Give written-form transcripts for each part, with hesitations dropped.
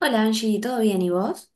Hola Angie, ¿todo bien y vos?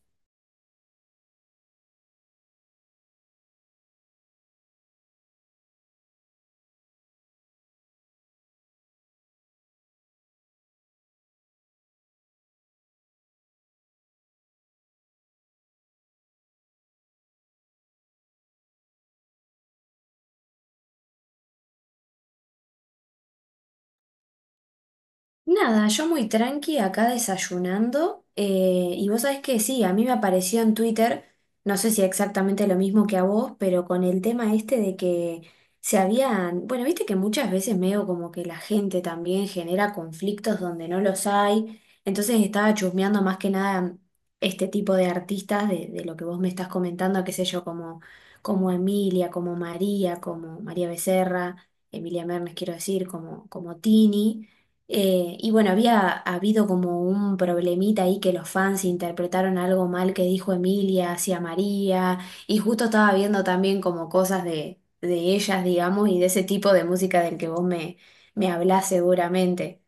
Nada, yo muy tranqui acá desayunando y vos sabés que sí, a mí me apareció en Twitter, no sé si exactamente lo mismo que a vos, pero con el tema este de que se habían, bueno, viste que muchas veces medio como que la gente también genera conflictos donde no los hay, entonces estaba chusmeando más que nada este tipo de artistas de lo que vos me estás comentando, qué sé yo, como, como Emilia, como María Becerra, Emilia Mernes quiero decir, como, como Tini. Y bueno, había habido como un problemita ahí que los fans interpretaron algo mal que dijo Emilia hacia María, y justo estaba viendo también como cosas de ellas, digamos, y de ese tipo de música del que vos me, me hablás seguramente.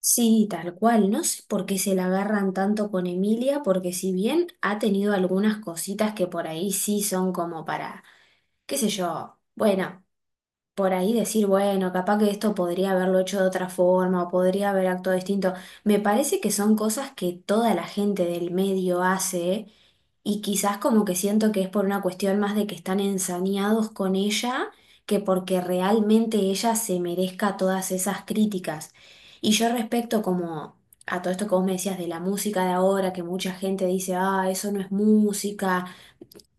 Sí, tal cual, no sé por qué se la agarran tanto con Emilia, porque si bien ha tenido algunas cositas que por ahí sí son como para, qué sé yo, bueno, por ahí decir, bueno, capaz que esto podría haberlo hecho de otra forma o podría haber actuado distinto. Me parece que son cosas que toda la gente del medio hace y quizás como que siento que es por una cuestión más de que están ensañados con ella que porque realmente ella se merezca todas esas críticas. Y yo respecto como… a todo esto que vos me decías de la música de ahora, que mucha gente dice, ah, eso no es música,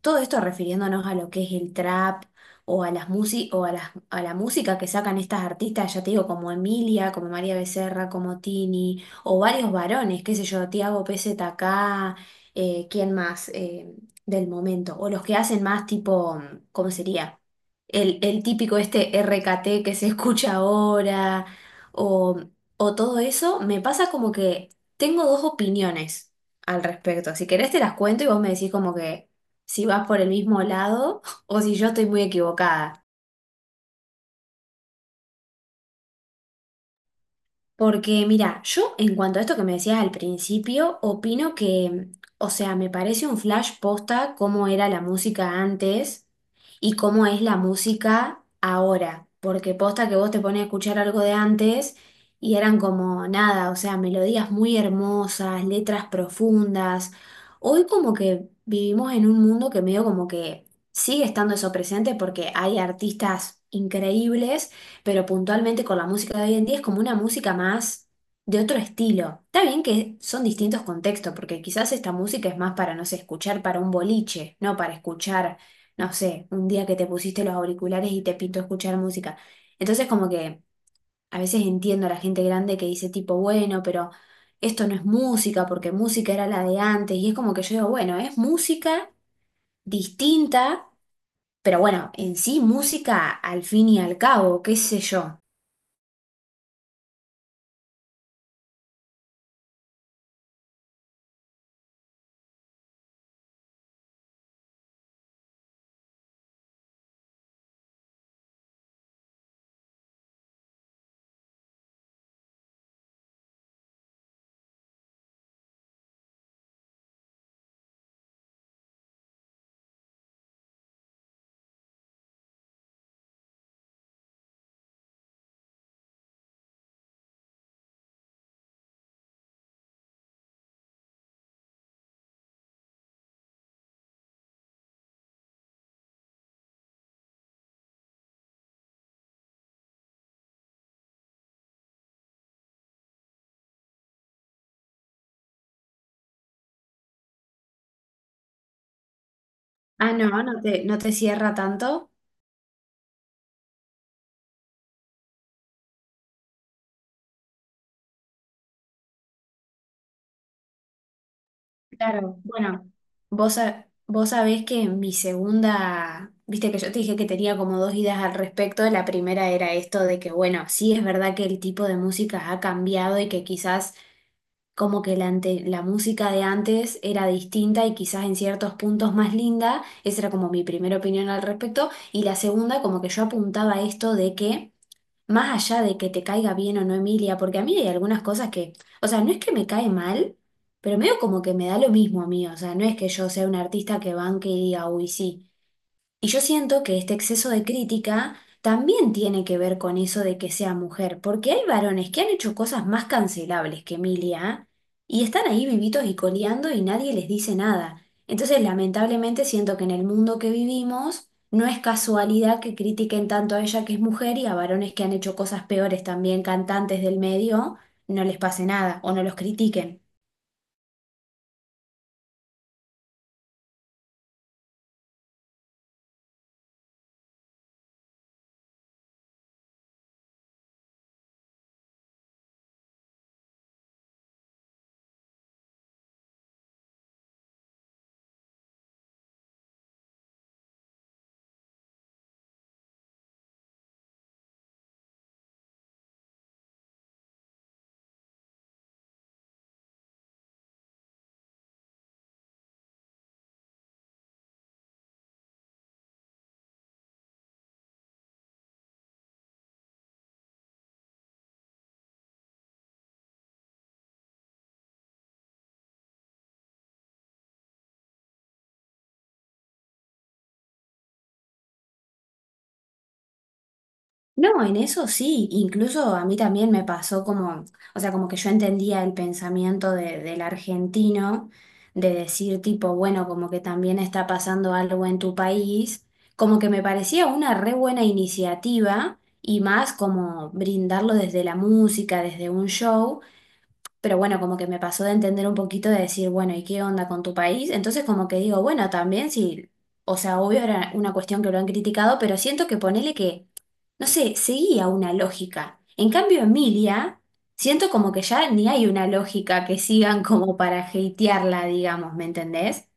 todo esto refiriéndonos a lo que es el trap o a las a la música que sacan estas artistas, ya te digo, como Emilia, como María Becerra, como Tini, o varios varones, qué sé yo, Tiago PZK, ¿quién más del momento? O los que hacen más tipo, ¿cómo sería? El típico este RKT que se escucha ahora, o, o todo eso, me pasa como que tengo dos opiniones al respecto. Si querés te las cuento y vos me decís como que si vas por el mismo lado o si yo estoy muy equivocada. Porque mira, yo en cuanto a esto que me decías al principio, opino que, o sea, me parece un flash posta cómo era la música antes y cómo es la música ahora. Porque posta que vos te pones a escuchar algo de antes y eran como nada, o sea, melodías muy hermosas, letras profundas. Hoy como que vivimos en un mundo que medio como que sigue estando eso presente porque hay artistas increíbles, pero puntualmente con la música de hoy en día es como una música más de otro estilo. Está bien que son distintos contextos, porque quizás esta música es más para, no sé, escuchar para un boliche, no para escuchar, no sé, un día que te pusiste los auriculares y te pintó escuchar música. Entonces como que a veces entiendo a la gente grande que dice tipo, bueno, pero esto no es música, porque música era la de antes, y es como que yo digo, bueno, es música distinta. Pero bueno, en sí música al fin y al cabo, qué sé yo. Ah, no, no te, no te cierra tanto. Claro. Bueno, vos, vos sabés que mi segunda, viste que yo te dije que tenía como dos ideas al respecto. La primera era esto de que, bueno, sí es verdad que el tipo de música ha cambiado y que quizás como que la, la música de antes era distinta y quizás en ciertos puntos más linda. Esa era como mi primera opinión al respecto. Y la segunda, como que yo apuntaba a esto de que… más allá de que te caiga bien o no Emilia, porque a mí hay algunas cosas que, o sea, no es que me cae mal, pero medio como que me da lo mismo a mí, o sea, no es que yo sea un artista que banque y diga, uy, sí. Y yo siento que este exceso de crítica también tiene que ver con eso de que sea mujer, porque hay varones que han hecho cosas más cancelables que Emilia y están ahí vivitos y coleando y nadie les dice nada. Entonces, lamentablemente, siento que en el mundo que vivimos no es casualidad que critiquen tanto a ella que es mujer y a varones que han hecho cosas peores también, cantantes del medio, no les pase nada o no los critiquen. No, en eso sí, incluso a mí también me pasó como, o sea, como que yo entendía el pensamiento del argentino de decir tipo, bueno, como que también está pasando algo en tu país, como que me parecía una re buena iniciativa y más como brindarlo desde la música, desde un show, pero bueno, como que me pasó de entender un poquito de decir, bueno, ¿y qué onda con tu país? Entonces como que digo, bueno, también sí, o sea, obvio era una cuestión que lo han criticado, pero siento que ponele que, no sé, seguía una lógica. En cambio, Emilia, siento como que ya ni hay una lógica que sigan como para hatearla, digamos, ¿me entendés?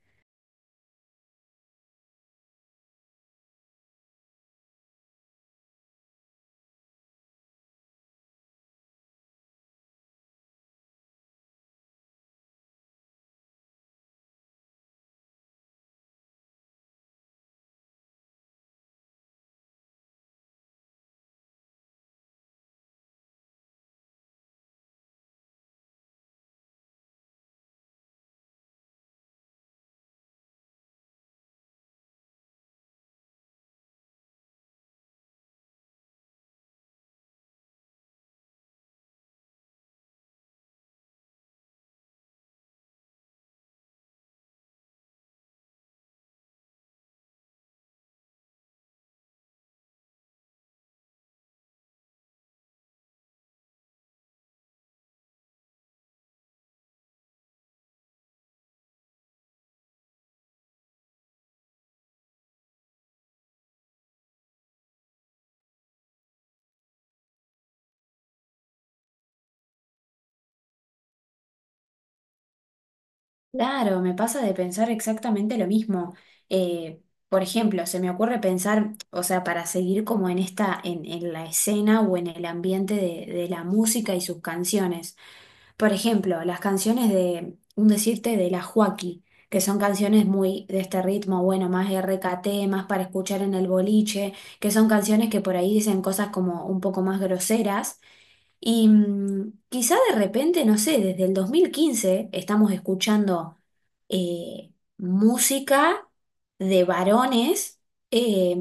Claro, me pasa de pensar exactamente lo mismo. Eh, por ejemplo, se me ocurre pensar, o sea, para seguir como en esta, en la escena o en el ambiente de la música y sus canciones. Por ejemplo, las canciones de, un decirte, de la Joaquí, que son canciones muy de este ritmo, bueno, más RKT, más para escuchar en el boliche, que son canciones que por ahí dicen cosas como un poco más groseras y quizá de repente, no sé, desde el 2015 estamos escuchando eh, música de varones eh,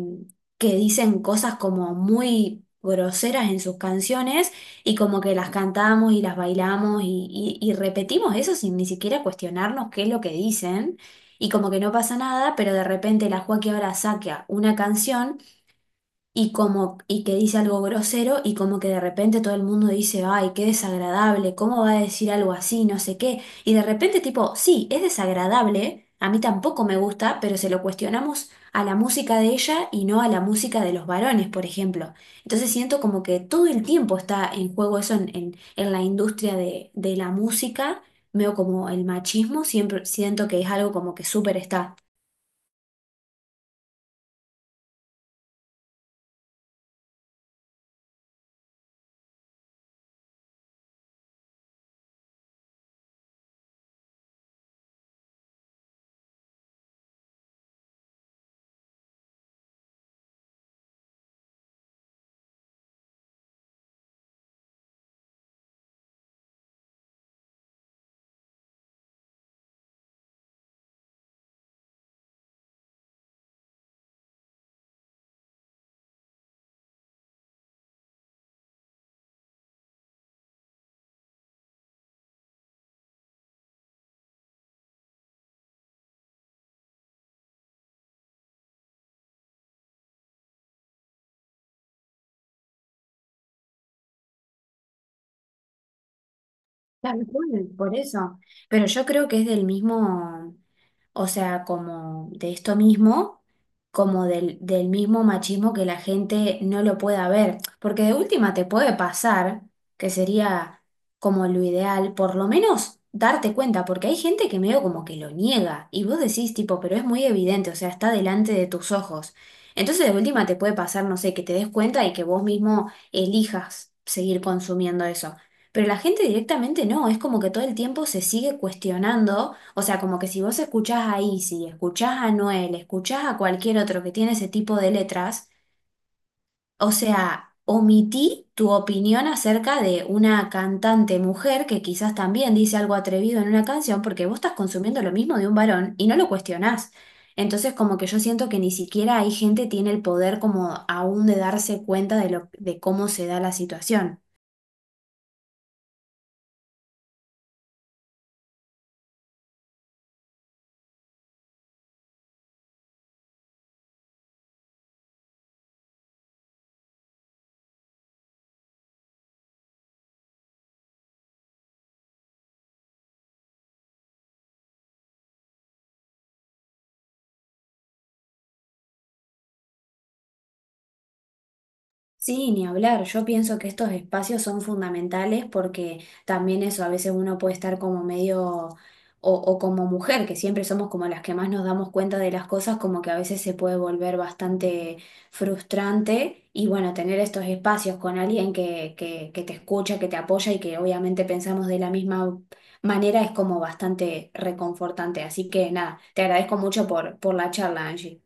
que dicen cosas como muy groseras en sus canciones y como que las cantamos y las bailamos y, y repetimos eso sin ni siquiera cuestionarnos qué es lo que dicen y como que no pasa nada, pero de repente la Joaquín ahora saca una canción y como y que dice algo grosero y como que de repente todo el mundo dice, "Ay, qué desagradable, ¿cómo va a decir algo así? No sé qué". Y de repente tipo, "Sí, es desagradable, a mí tampoco me gusta, pero se lo cuestionamos a la música de ella y no a la música de los varones, por ejemplo". Entonces siento como que todo el tiempo está en juego eso en la industria de la música. Veo como el machismo, siempre siento que es algo como que súper está. Tal cual, por eso. Pero yo creo que es del mismo, o sea, como de esto mismo, como del, del mismo machismo que la gente no lo pueda ver, porque de última te puede pasar, que sería como lo ideal, por lo menos darte cuenta, porque hay gente que medio como que lo niega y vos decís tipo, pero es muy evidente, o sea, está delante de tus ojos. Entonces de última te puede pasar, no sé, que te des cuenta y que vos mismo elijas seguir consumiendo eso. Pero la gente directamente no, es como que todo el tiempo se sigue cuestionando, o sea, como que si vos escuchás a Izzy, escuchás a Noel, escuchás a cualquier otro que tiene ese tipo de letras, o sea, omití tu opinión acerca de una cantante mujer que quizás también dice algo atrevido en una canción porque vos estás consumiendo lo mismo de un varón y no lo cuestionás. Entonces, como que yo siento que ni siquiera hay gente tiene el poder como aún de darse cuenta de lo, de cómo se da la situación. Sí, ni hablar. Yo pienso que estos espacios son fundamentales porque también eso, a veces uno puede estar como medio o como mujer, que siempre somos como las que más nos damos cuenta de las cosas, como que a veces se puede volver bastante frustrante y bueno, tener estos espacios con alguien que, que te escucha, que te apoya y que obviamente pensamos de la misma manera es como bastante reconfortante. Así que nada, te agradezco mucho por la charla, Angie.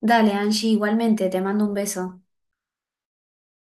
Dale, Angie, igualmente, te mando un beso.